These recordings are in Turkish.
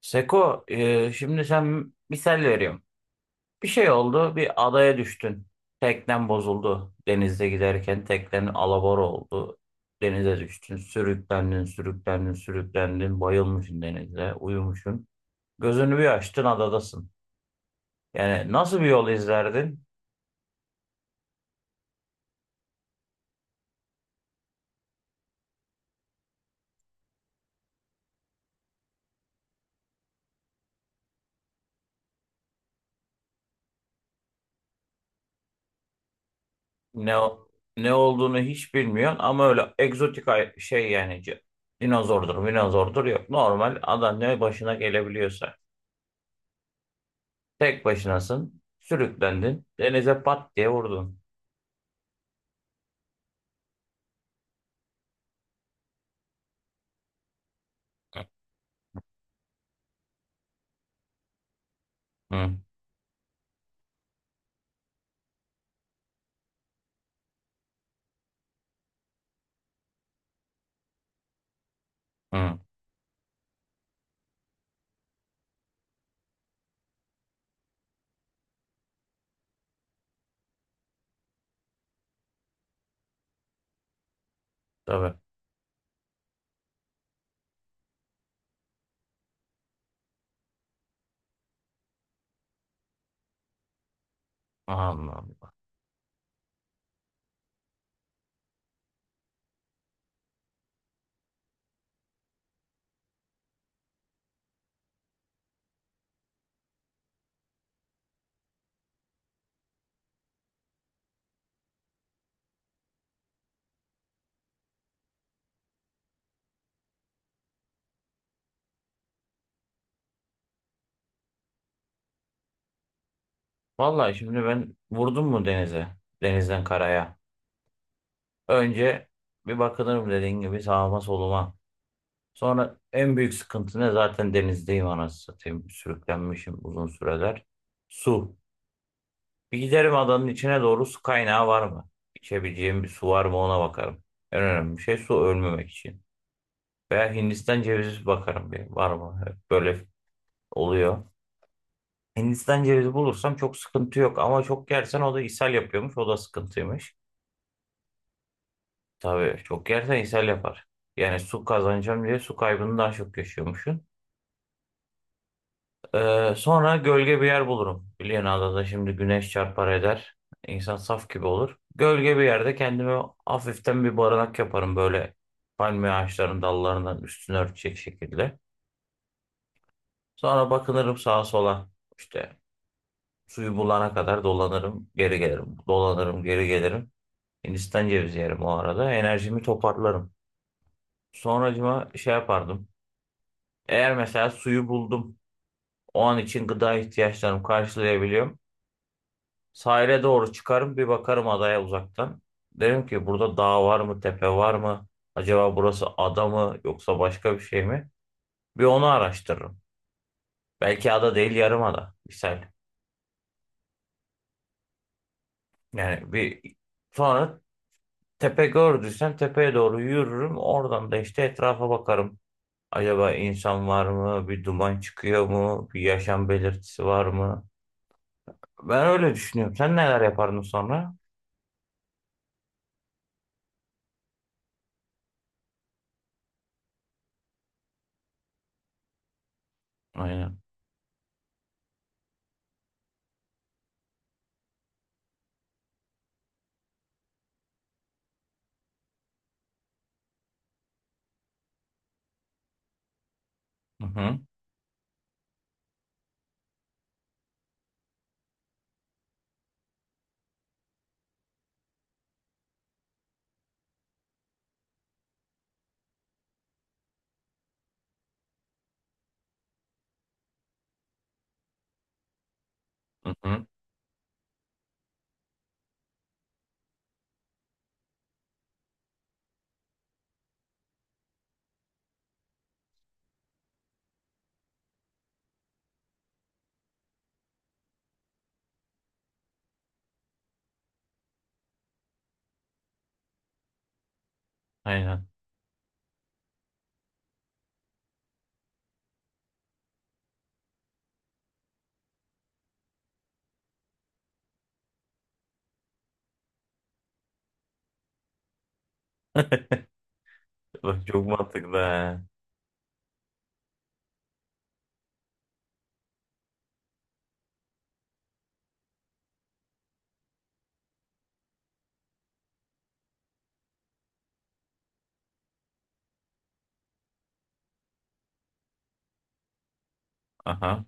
Seko, şimdi sen misal veriyorum. Bir şey oldu, bir adaya düştün. Teknen bozuldu. Denizde giderken teknen alabora oldu. Denize düştün, sürüklendin, sürüklendin, sürüklendin. Bayılmışsın denizde, uyumuşsun. Gözünü bir açtın, adadasın. Yani nasıl bir yol izlerdin? Ne ne olduğunu hiç bilmiyorsun ama öyle egzotik dinozordur, minozordur yok. Normal adam ne başına gelebiliyorsa. Tek başınasın. Sürüklendin. Denize pat diye vurdun. Hı hı. Tabii. Allah Allah. Vallahi şimdi ben vurdum mu denize? Denizden karaya. Önce bir bakılırım dediğin gibi sağıma soluma. Sonra en büyük sıkıntı ne? Zaten denizdeyim anasını satayım. Sürüklenmişim uzun süreler. Su. Bir giderim adanın içine doğru, su kaynağı var mı? İçebileceğim bir su var mı, ona bakarım. En önemli şey su, ölmemek için. Veya Hindistan cevizi bakarım bir. Var mı? Böyle oluyor. Hindistan cevizi bulursam çok sıkıntı yok, ama çok yersen o da ishal yapıyormuş. O da sıkıntıymış. Tabii çok yersen ishal yapar. Yani su kazanacağım diye su kaybını daha çok yaşıyormuşsun. Sonra gölge bir yer bulurum. Biliyorsun adada şimdi güneş çarpar eder. İnsan saf gibi olur. Gölge bir yerde kendime hafiften bir barınak yaparım, böyle palmiye ağaçlarının dallarından üstünü örtecek şekilde. Sonra bakınırım sağa sola. İşte suyu bulana kadar dolanırım, geri gelirim. Dolanırım, geri gelirim. Hindistan cevizi yerim o arada. Enerjimi toparlarım. Sonracıma şey yapardım. Eğer mesela suyu buldum. O an için gıda ihtiyaçlarımı karşılayabiliyorum. Sahile doğru çıkarım, bir bakarım adaya uzaktan. Derim ki, burada dağ var mı, tepe var mı? Acaba burası ada mı, yoksa başka bir şey mi? Bir onu araştırırım. Belki ada değil, yarım ada. Misal. Yani bir sonra tepe gördüysem tepeye doğru yürürüm. Oradan da işte etrafa bakarım. Acaba insan var mı? Bir duman çıkıyor mu? Bir yaşam belirtisi var mı? Ben öyle düşünüyorum. Sen neler yapardın sonra? Aynen. Hı hı. Hı hı. Aynen. Bak, çok mantıklı. He. Aha.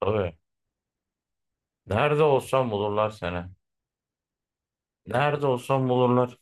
Tabii. Nerede olsam bulurlar seni. Nerede olsam bulurlar.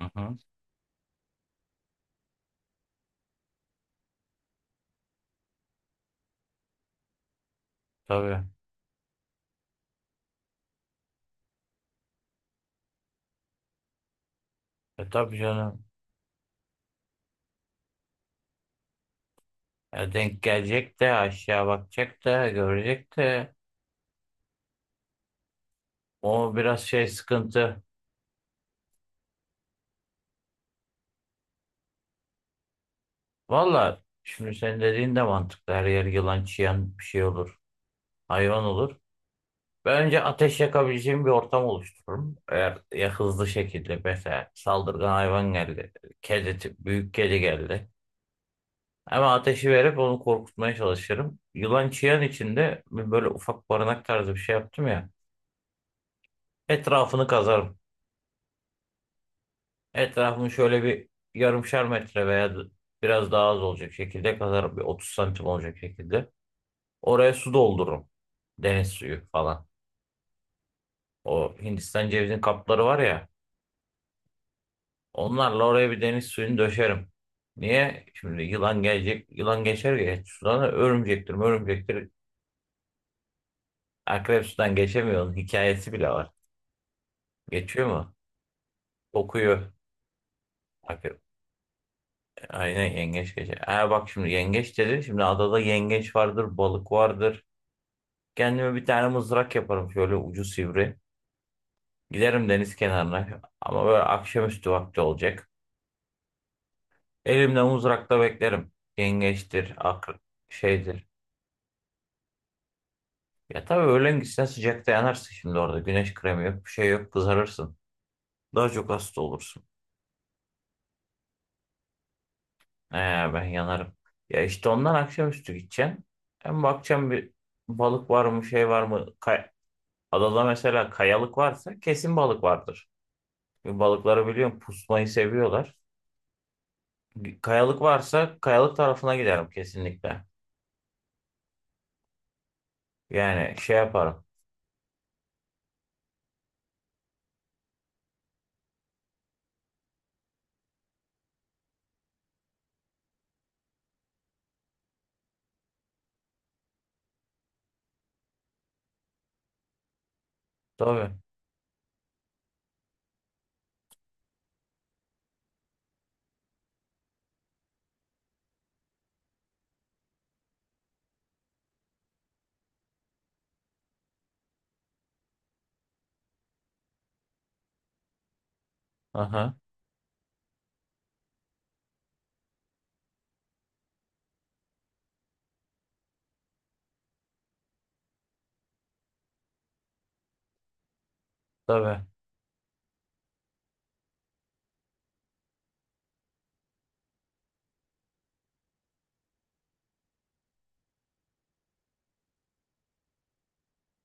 Hı hı. Tabii. E tabii canım. Denk gelecek de aşağı bakacak da görecek de. O biraz şey sıkıntı. Valla şimdi senin dediğin de mantıklı. Her yer yılan çiyan bir şey olur. Hayvan olur. Ben önce ateş yakabileceğim bir ortam oluştururum. Eğer ya hızlı şekilde mesela saldırgan hayvan geldi. Kedi, büyük kedi geldi. Ama ateşi verip onu korkutmaya çalışırım. Yılan çiyan içinde bir böyle ufak barınak tarzı bir şey yaptım ya. Etrafını kazarım. Etrafını şöyle bir yarımşar metre veya biraz daha az olacak şekilde kazarım. Bir 30 santim olacak şekilde. Oraya su doldururum. Deniz suyu falan. O Hindistan cevizin kapları var ya. Onlarla oraya bir deniz suyunu döşerim. Niye? Şimdi yılan gelecek, yılan geçer geç sudan, örümcektir, örümcektir. Akrep sudan geçemiyor. Onun hikayesi bile var. Geçiyor mu? Kokuyor. Akrep. Aynen yengeç geçer. Ha bak, şimdi yengeç dedi. Şimdi adada yengeç vardır, balık vardır. Kendime bir tane mızrak yaparım şöyle ucu sivri. Giderim deniz kenarına. Ama böyle akşamüstü vakti olacak. Elimde mızrakla beklerim. Yengeçtir, akrep şeydir. Ya tabii öğlen gitsen sıcakta yanarsın şimdi orada. Güneş kremi yok, bir şey yok, kızarırsın. Daha çok hasta olursun. Ee, Ben yanarım. Ya işte ondan akşamüstü gideceksin. Hem bakacağım bir balık var mı, şey var mı? Adada mesela kayalık varsa kesin balık vardır. Çünkü balıkları biliyorum, pusmayı seviyorlar. Kayalık varsa kayalık tarafına giderim kesinlikle. Yani şey yaparım. Tabii. Aha, tabii.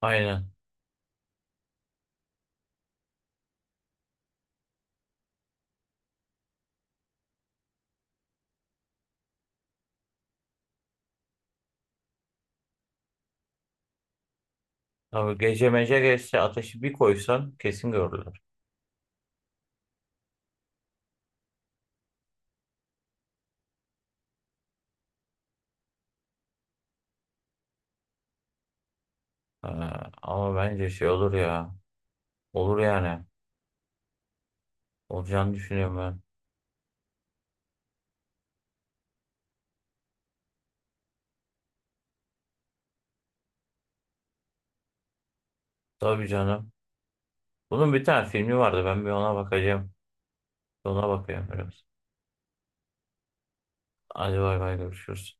Aynen. Tabii gece mece geçse ateşi bir koysan kesin görürler. Ee, Ama bence şey olur ya. Olur yani. Olacağını düşünüyorum ben. Tabii canım. Bunun bir tane filmi vardı. Ben bir ona bakacağım. Ona bakıyorum biraz. Hadi bay bay, görüşürüz.